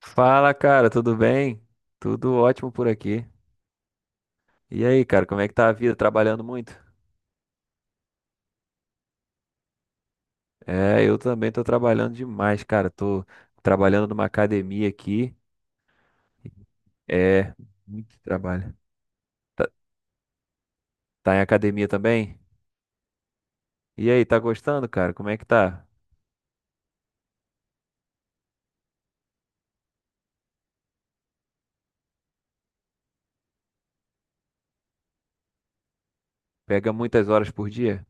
Fala, cara, tudo bem? Tudo ótimo por aqui. E aí, cara, como é que tá a vida? Trabalhando muito? É, eu também tô trabalhando demais, cara. Tô trabalhando numa academia aqui. É, muito trabalho. Tá, tá em academia também? E aí, tá gostando, cara? Como é que tá? Pega muitas horas por dia?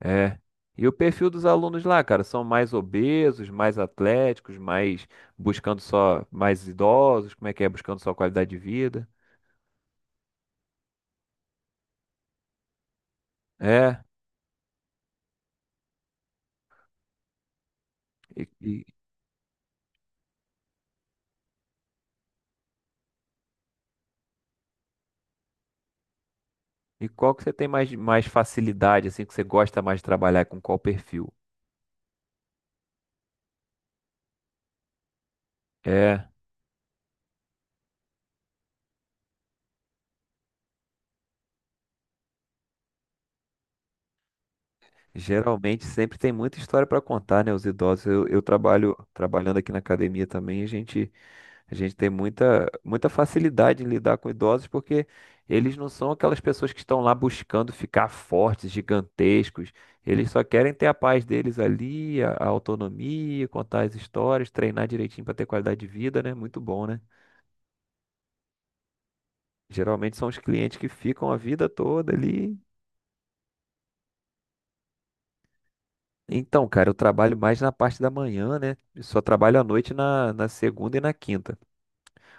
É. E o perfil dos alunos lá, cara, são mais obesos, mais atléticos, mais buscando só mais idosos, como é que é? Buscando só qualidade de vida. É. E, e- E qual que você tem mais, facilidade, assim, que você gosta mais de trabalhar com qual perfil? É, geralmente sempre tem muita história para contar, né? Os idosos, eu trabalho trabalhando aqui na academia também, a gente tem muita, facilidade em lidar com idosos porque eles não são aquelas pessoas que estão lá buscando ficar fortes, gigantescos. Eles só querem ter a paz deles ali, a autonomia, contar as histórias, treinar direitinho para ter qualidade de vida, né? Muito bom, né? Geralmente são os clientes que ficam a vida toda ali. Então, cara, eu trabalho mais na parte da manhã, né? Eu só trabalho à noite na segunda e na quinta.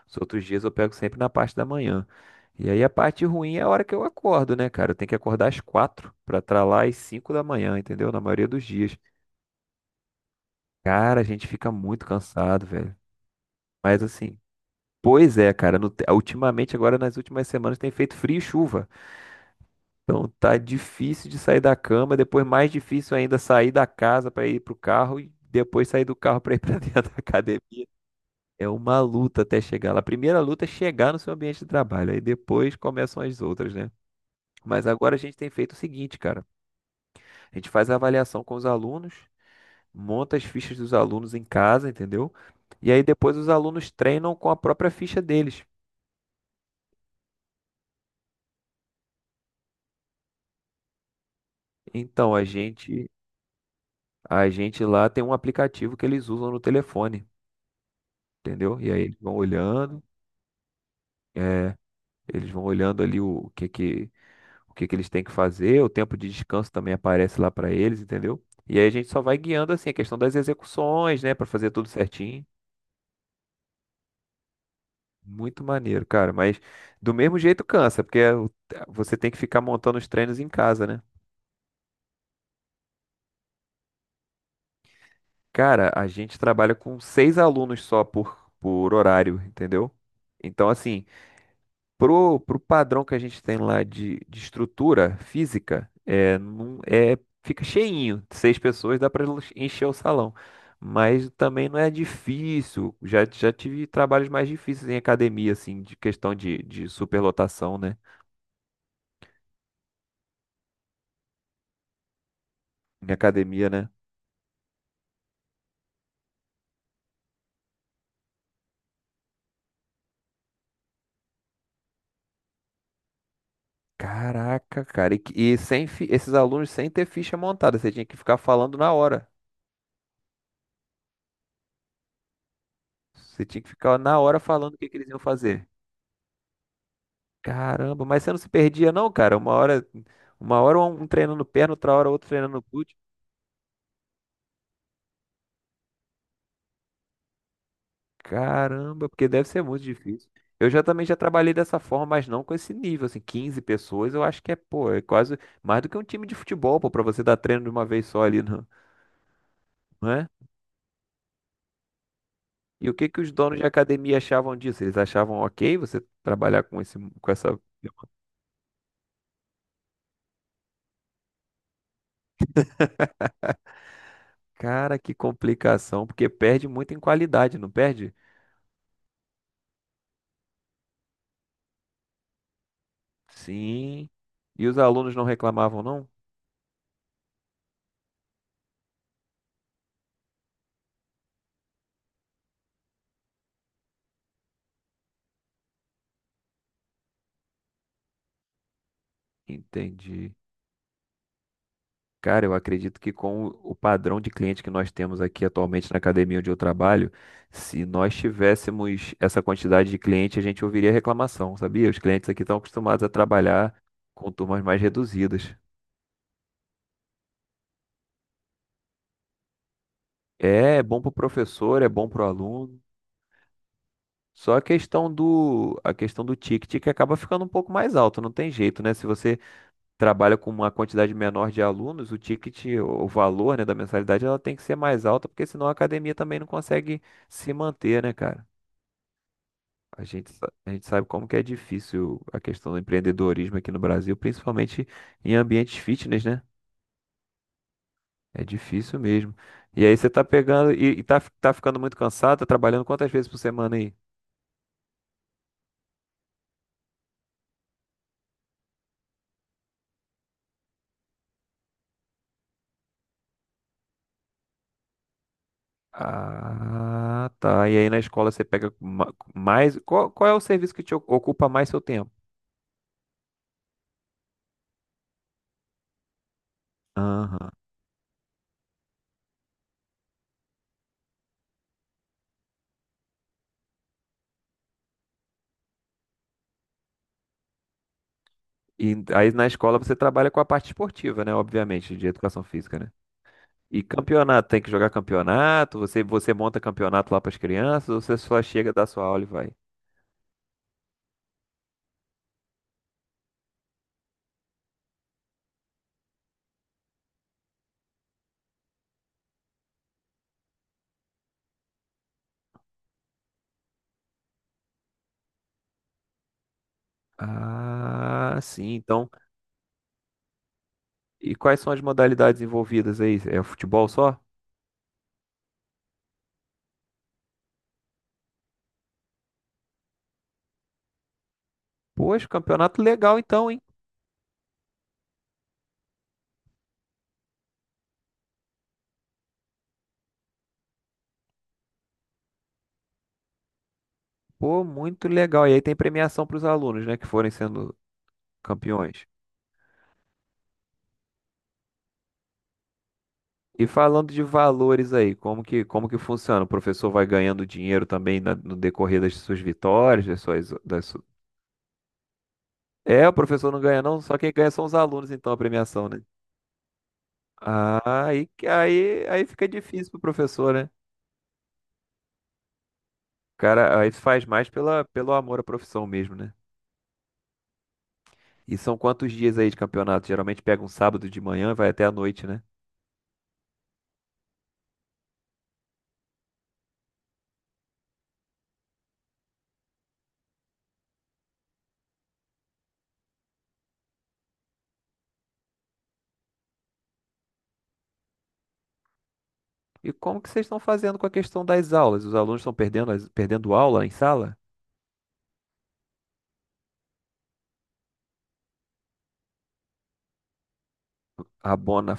Os outros dias eu pego sempre na parte da manhã. E aí a parte ruim é a hora que eu acordo, né, cara? Eu tenho que acordar às quatro pra estar lá às cinco da manhã, entendeu? Na maioria dos dias. Cara, a gente fica muito cansado, velho. Mas assim, pois é, cara. Ultimamente, agora nas últimas semanas tem feito frio e chuva. Então tá difícil de sair da cama, depois mais difícil ainda sair da casa para ir pro carro e depois sair do carro para ir para dentro da academia. É uma luta até chegar lá. A primeira luta é chegar no seu ambiente de trabalho, aí depois começam as outras, né? Mas agora a gente tem feito o seguinte, cara. A gente faz a avaliação com os alunos, monta as fichas dos alunos em casa, entendeu? E aí depois os alunos treinam com a própria ficha deles. Então a gente, a gente lá tem um aplicativo que eles usam no telefone, entendeu? E aí eles vão olhando. É, eles vão olhando ali o que que eles têm que fazer, o tempo de descanso também aparece lá para eles, entendeu? E aí a gente só vai guiando assim a questão das execuções, né, para fazer tudo certinho. Muito maneiro, cara, mas do mesmo jeito cansa, você tem que ficar montando os treinos em casa, né? Cara, a gente trabalha com seis alunos só por horário, entendeu? Então, assim, pro padrão que a gente tem lá de estrutura física, é, não, é, fica cheinho. Seis pessoas dá para encher o salão. Mas também não é difícil. Já tive trabalhos mais difíceis em academia, assim, de questão de superlotação, né? Em academia, né? Caraca, cara. E, que- e sem, fi- Esses alunos sem ter ficha montada. Você tinha que ficar falando na hora. Você tinha que ficar na hora falando o que que eles iam fazer. Caramba, mas você não se perdia não, cara? Uma hora um treinando perna, outra hora outro treinando glúteo. Caramba, porque deve ser muito difícil. Eu já também já trabalhei dessa forma, mas não com esse nível, assim, 15 pessoas, eu acho que é, pô, é quase mais do que um time de futebol, pô, pra você dar treino de uma vez só ali, não, não é? E o que que os donos de academia achavam disso? Eles achavam ok você trabalhar com esse, com essa... Cara, que complicação, porque perde muito em qualidade, não perde? Sim. E os alunos não reclamavam, não? Entendi. Cara, eu acredito que com o padrão de cliente que nós temos aqui atualmente na academia onde eu trabalho, se nós tivéssemos essa quantidade de cliente, a gente ouviria reclamação, sabia? Os clientes aqui estão acostumados a trabalhar com turmas mais reduzidas. É, é bom para o professor, é bom para o aluno. Só a questão do ticket que acaba ficando um pouco mais alto, não tem jeito, né? Se você trabalha com uma quantidade menor de alunos, o ticket, o valor, né, da mensalidade, ela tem que ser mais alta, porque senão a academia também não consegue se manter, né, cara? A gente sabe como que é difícil a questão do empreendedorismo aqui no Brasil, principalmente em ambientes fitness, né? É difícil mesmo. E aí você tá pegando tá ficando muito cansado, tá trabalhando quantas vezes por semana aí? Ah, tá. E aí na escola você pega mais. Qual é o serviço que te ocupa mais seu tempo? Aham. E aí na escola você trabalha com a parte esportiva, né? Obviamente, de educação física, né? E campeonato, tem que jogar campeonato, você monta campeonato lá para as crianças, ou você só chega, dá sua aula e vai? Ah, sim, então. E quais são as modalidades envolvidas aí? É futebol só? Poxa, campeonato legal então, hein? Pô, muito legal. E aí tem premiação para os alunos, né, que forem sendo campeões. E falando de valores aí, como que funciona? O professor vai ganhando dinheiro também no decorrer das suas vitórias, é, o professor não ganha não, só quem ganha são os alunos, então, a premiação, né? Aí fica difícil pro professor, né? O cara, aí faz mais pela, pelo amor à profissão mesmo, né? E são quantos dias aí de campeonato? Geralmente pega um sábado de manhã e vai até a noite, né? E como que vocês estão fazendo com a questão das aulas? Os alunos estão perdendo, perdendo aula em sala? A bona.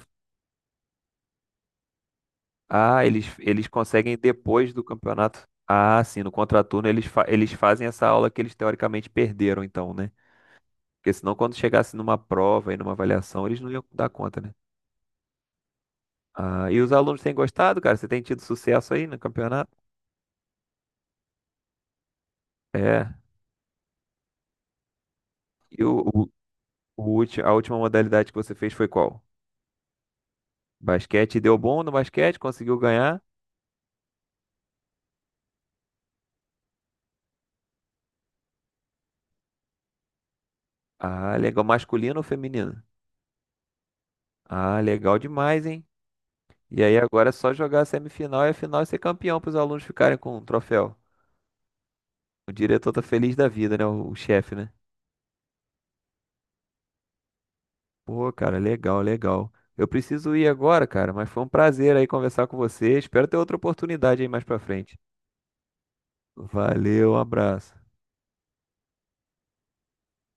Ah, eles conseguem depois do campeonato. Ah, sim, no contraturno eles fazem essa aula que eles teoricamente perderam, então, né? Porque senão, quando chegasse numa prova e numa avaliação, eles não iam dar conta, né? Ah, e os alunos têm gostado, cara? Você tem tido sucesso aí no campeonato? É. E o, o, o a última modalidade que você fez foi qual? Basquete deu bom no basquete, conseguiu ganhar. Ah, legal. Masculino ou feminino? Ah, legal demais, hein? E aí agora é só jogar a semifinal e a final e ser campeão para os alunos ficarem com o troféu. O diretor tá feliz da vida, né? O chefe, né? Pô, cara, legal, legal. Eu preciso ir agora, cara, mas foi um prazer aí conversar com você. Espero ter outra oportunidade aí mais pra frente. Valeu, um abraço.